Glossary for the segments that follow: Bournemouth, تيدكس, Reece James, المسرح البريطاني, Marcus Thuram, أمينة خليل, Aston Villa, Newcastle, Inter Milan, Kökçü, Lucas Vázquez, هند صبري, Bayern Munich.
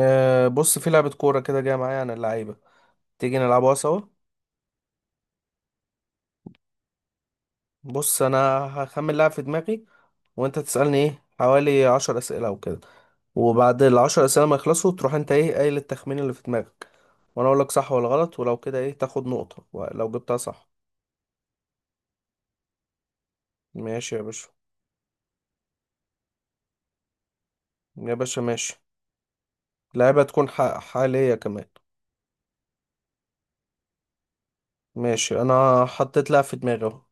آه، بص، في لعبة كورة كده جاية معايا عن اللعيبة. تيجي نلعبها سوا. بص أنا هخمن لاعب في دماغي وأنت تسألني إيه حوالي 10 أسئلة أو كده، وبعد العشر أسئلة ما يخلصوا تروح أنت إيه قايل التخمين اللي في دماغك، وأنا أقول لك صح ولا غلط، ولو كده إيه تاخد نقطة لو جبتها صح. ماشي يا باشا. يا باشا ماشي. لعبة تكون حالية كمان. ماشي أنا حطيت لاعب في دماغي أهو.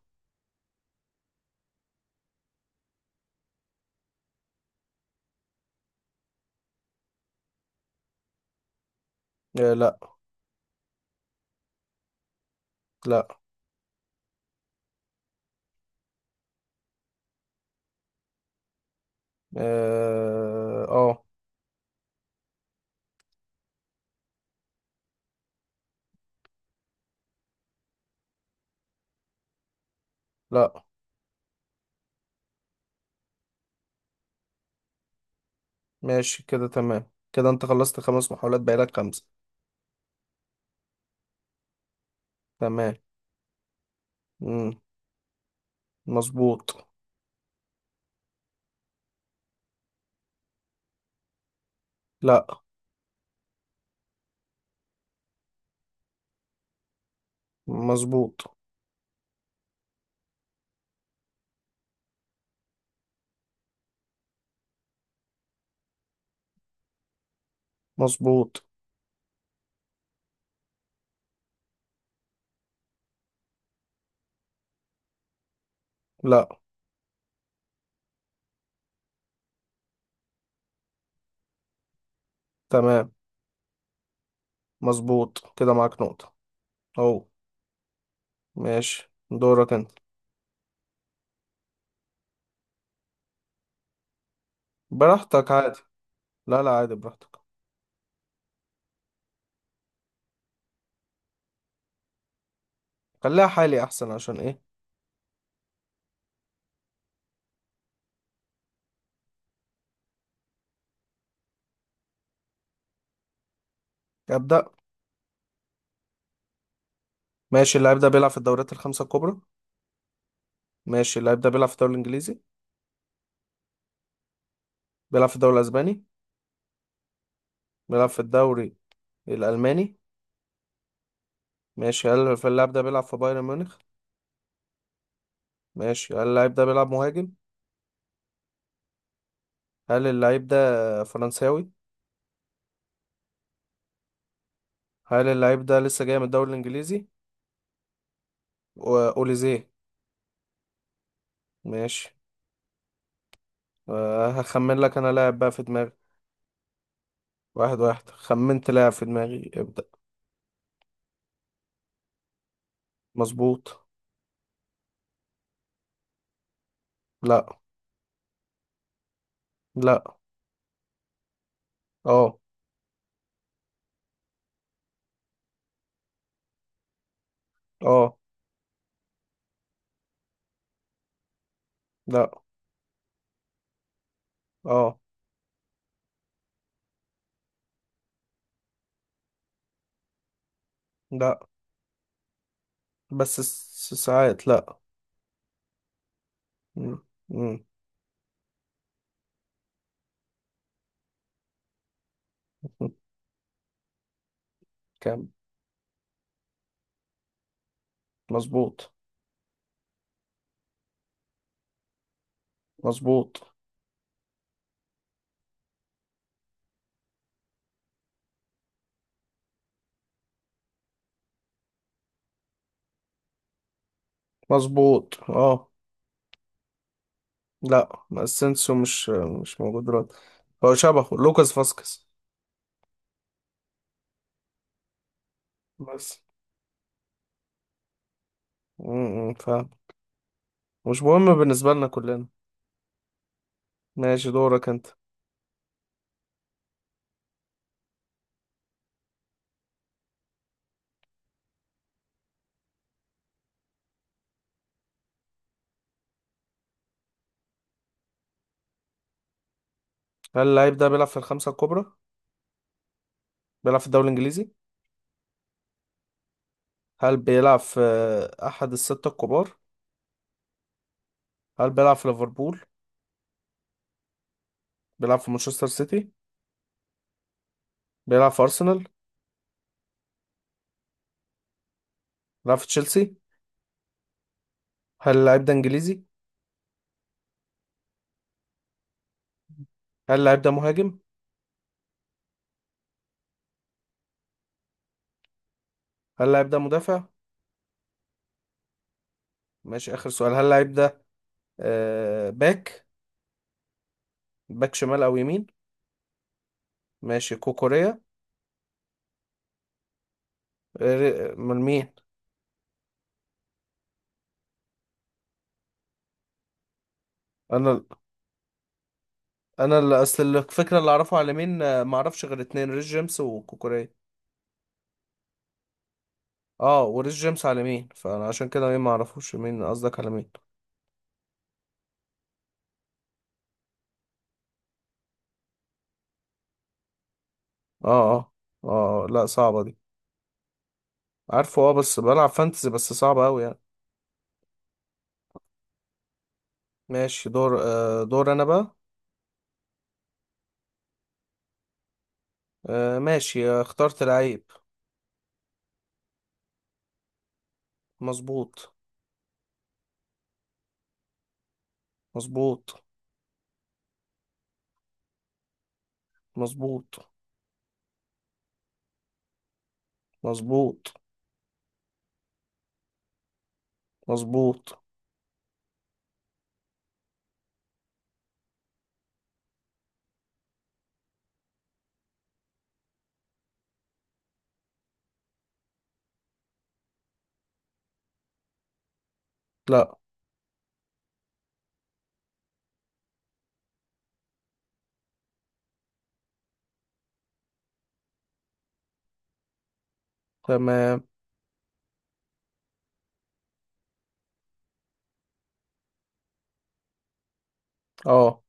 آه، لأ. لأ. آه، آه، لأ. ماشي كده، تمام كده، انت خلصت 5 محاولات، بقالك خمسة. تمام. مم. مظبوط. لا. مظبوط. مظبوط. لا. تمام. مظبوط، كده معاك نقطة. اهو. ماشي دورك انت. براحتك عادي. لا، لا عادي براحتك. خليها حالي احسن، عشان ايه؟ ابدأ. ماشي، اللاعب ده بيلعب في الدوريات الخمسة الكبرى؟ ماشي، اللاعب ده بيلعب في الدوري الانجليزي؟ بيلعب في الدوري الاسباني؟ بيلعب في الدوري الالماني؟ ماشي، هل في اللاعب ده بيلعب في بايرن ميونخ؟ ماشي، هل اللاعب ده بيلعب مهاجم؟ هل اللعيب ده فرنساوي؟ هل اللعيب ده لسه جاي من الدوري الانجليزي؟ واوليزيه. ماشي. أه، هخمن لك انا لاعب بقى في دماغي. واحد واحد، خمنت لاعب في دماغي، ابدأ. مظبوط. لا. لا. اه. اه. لا. اه. لا. بس ساعات لا. مم. مم. كام. مظبوط. مظبوط. مظبوط. اه. لا، ما السينسو مش موجود دلوقتي. هو شبهه لوكاس فاسكس. بس امم مش مهم بالنسبة لنا كلنا. ماشي دورك انت. هل اللعيب ده بيلعب في الخمسة الكبرى؟ بيلعب في الدوري الإنجليزي؟ هل بيلعب في أحد الستة الكبار؟ هل بيلعب في ليفربول؟ بيلعب في مانشستر سيتي؟ بيلعب في أرسنال؟ بيلعب في تشيلسي؟ هل اللعيب ده إنجليزي؟ هل اللعيب ده مهاجم؟ هل اللعيب ده مدافع؟ ماشي، آخر سؤال، هل اللعيب ده آه باك؟ باك شمال أو يمين؟ ماشي كوكوريا. آه، من مين؟ أنا أنا اللي أصل الفكرة، اللي أعرفه على مين، معرفش غير اتنين، ريس جيمس وكوكوريا. اه، وريس جيمس على مين فانا، عشان كده مين ما اعرفوش، مين قصدك على مين. اه، اه، اه. آه، لا صعبة دي. عارفه، اه، بس بلعب فانتزي، بس صعبة اوي يعني. ماشي دور، انا بقى. آه ماشي، اخترت لعيب. مظبوط. مظبوط. مظبوط. مظبوط. مظبوط. لا. تمام. اه.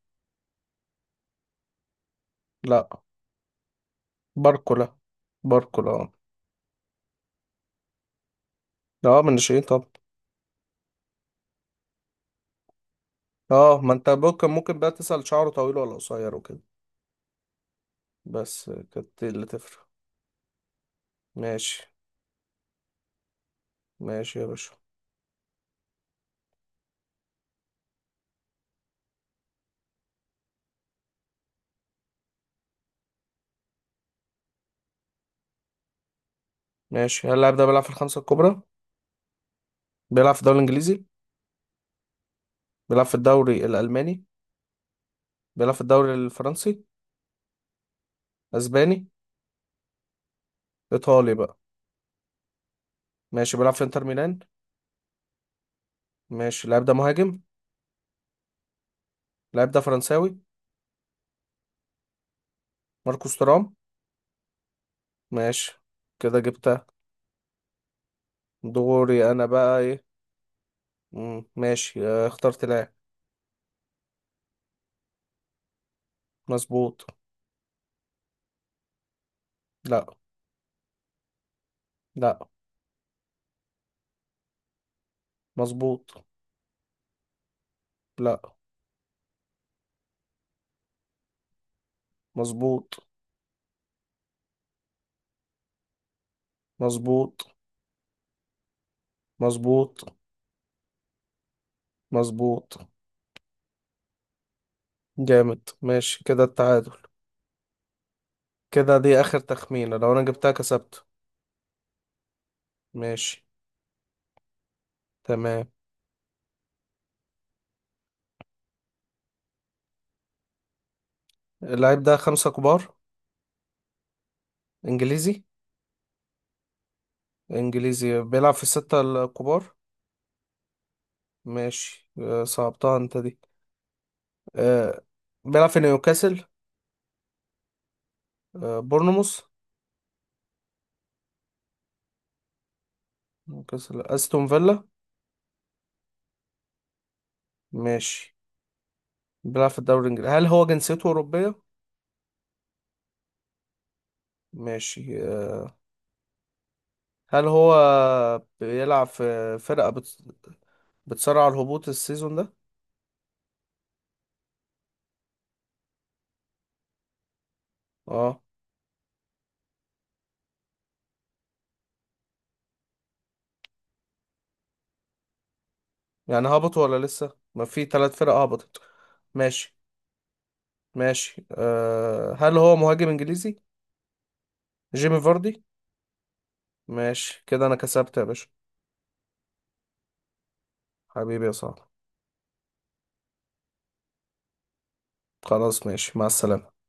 لا. باركولا. باركولا اه. لا، من شيء طب. اه، ما انت ممكن بقى تسأل شعره طويل ولا قصير وكده. بس كانت دي اللي تفرق. ماشي. ماشي يا باشا. ماشي، هل اللاعب ده بيلعب في الخمسة الكبرى؟ بيلعب في الدوري الإنجليزي؟ بيلعب في الدوري الألماني؟ بيلعب في الدوري الفرنسي؟ أسباني؟ إيطالي بقى؟ ماشي، بيلعب في إنتر ميلان؟ ماشي، اللاعب ده مهاجم؟ اللاعب ده فرنساوي؟ ماركوس تورام. ماشي، كده جبتها. دوري أنا بقى إيه. مم. ماشي، اخترت لاعب. مظبوط. لا. لا. مظبوط. لا. مظبوط. مظبوط. مظبوط. مظبوط. جامد، ماشي كده التعادل. كده دي آخر تخمينة، لو أنا جبتها كسبته. ماشي. تمام. اللعيب ده خمسة كبار؟ إنجليزي؟ إنجليزي بيلعب في الستة الكبار؟ ماشي، صعبتها أنت دي. آه، بيلعب في نيوكاسل؟ بورنموث؟ نيوكاسل، أستون فيلا؟ ماشي. بيلعب في الدوري الإنجليزي، هل هو جنسيته أوروبية؟ ماشي، هل هو بيلعب في فرقة بتصارع الهبوط السيزون ده؟ اه. يعني هبط ولا لسه؟ ما في 3 فرق هبطت. ماشي. ماشي أه، هل هو مهاجم انجليزي؟ جيمي فاردي. ماشي كده انا كسبت يا باشا. حبيبي يا صاحبي. خلاص ماشي، مع السلامة.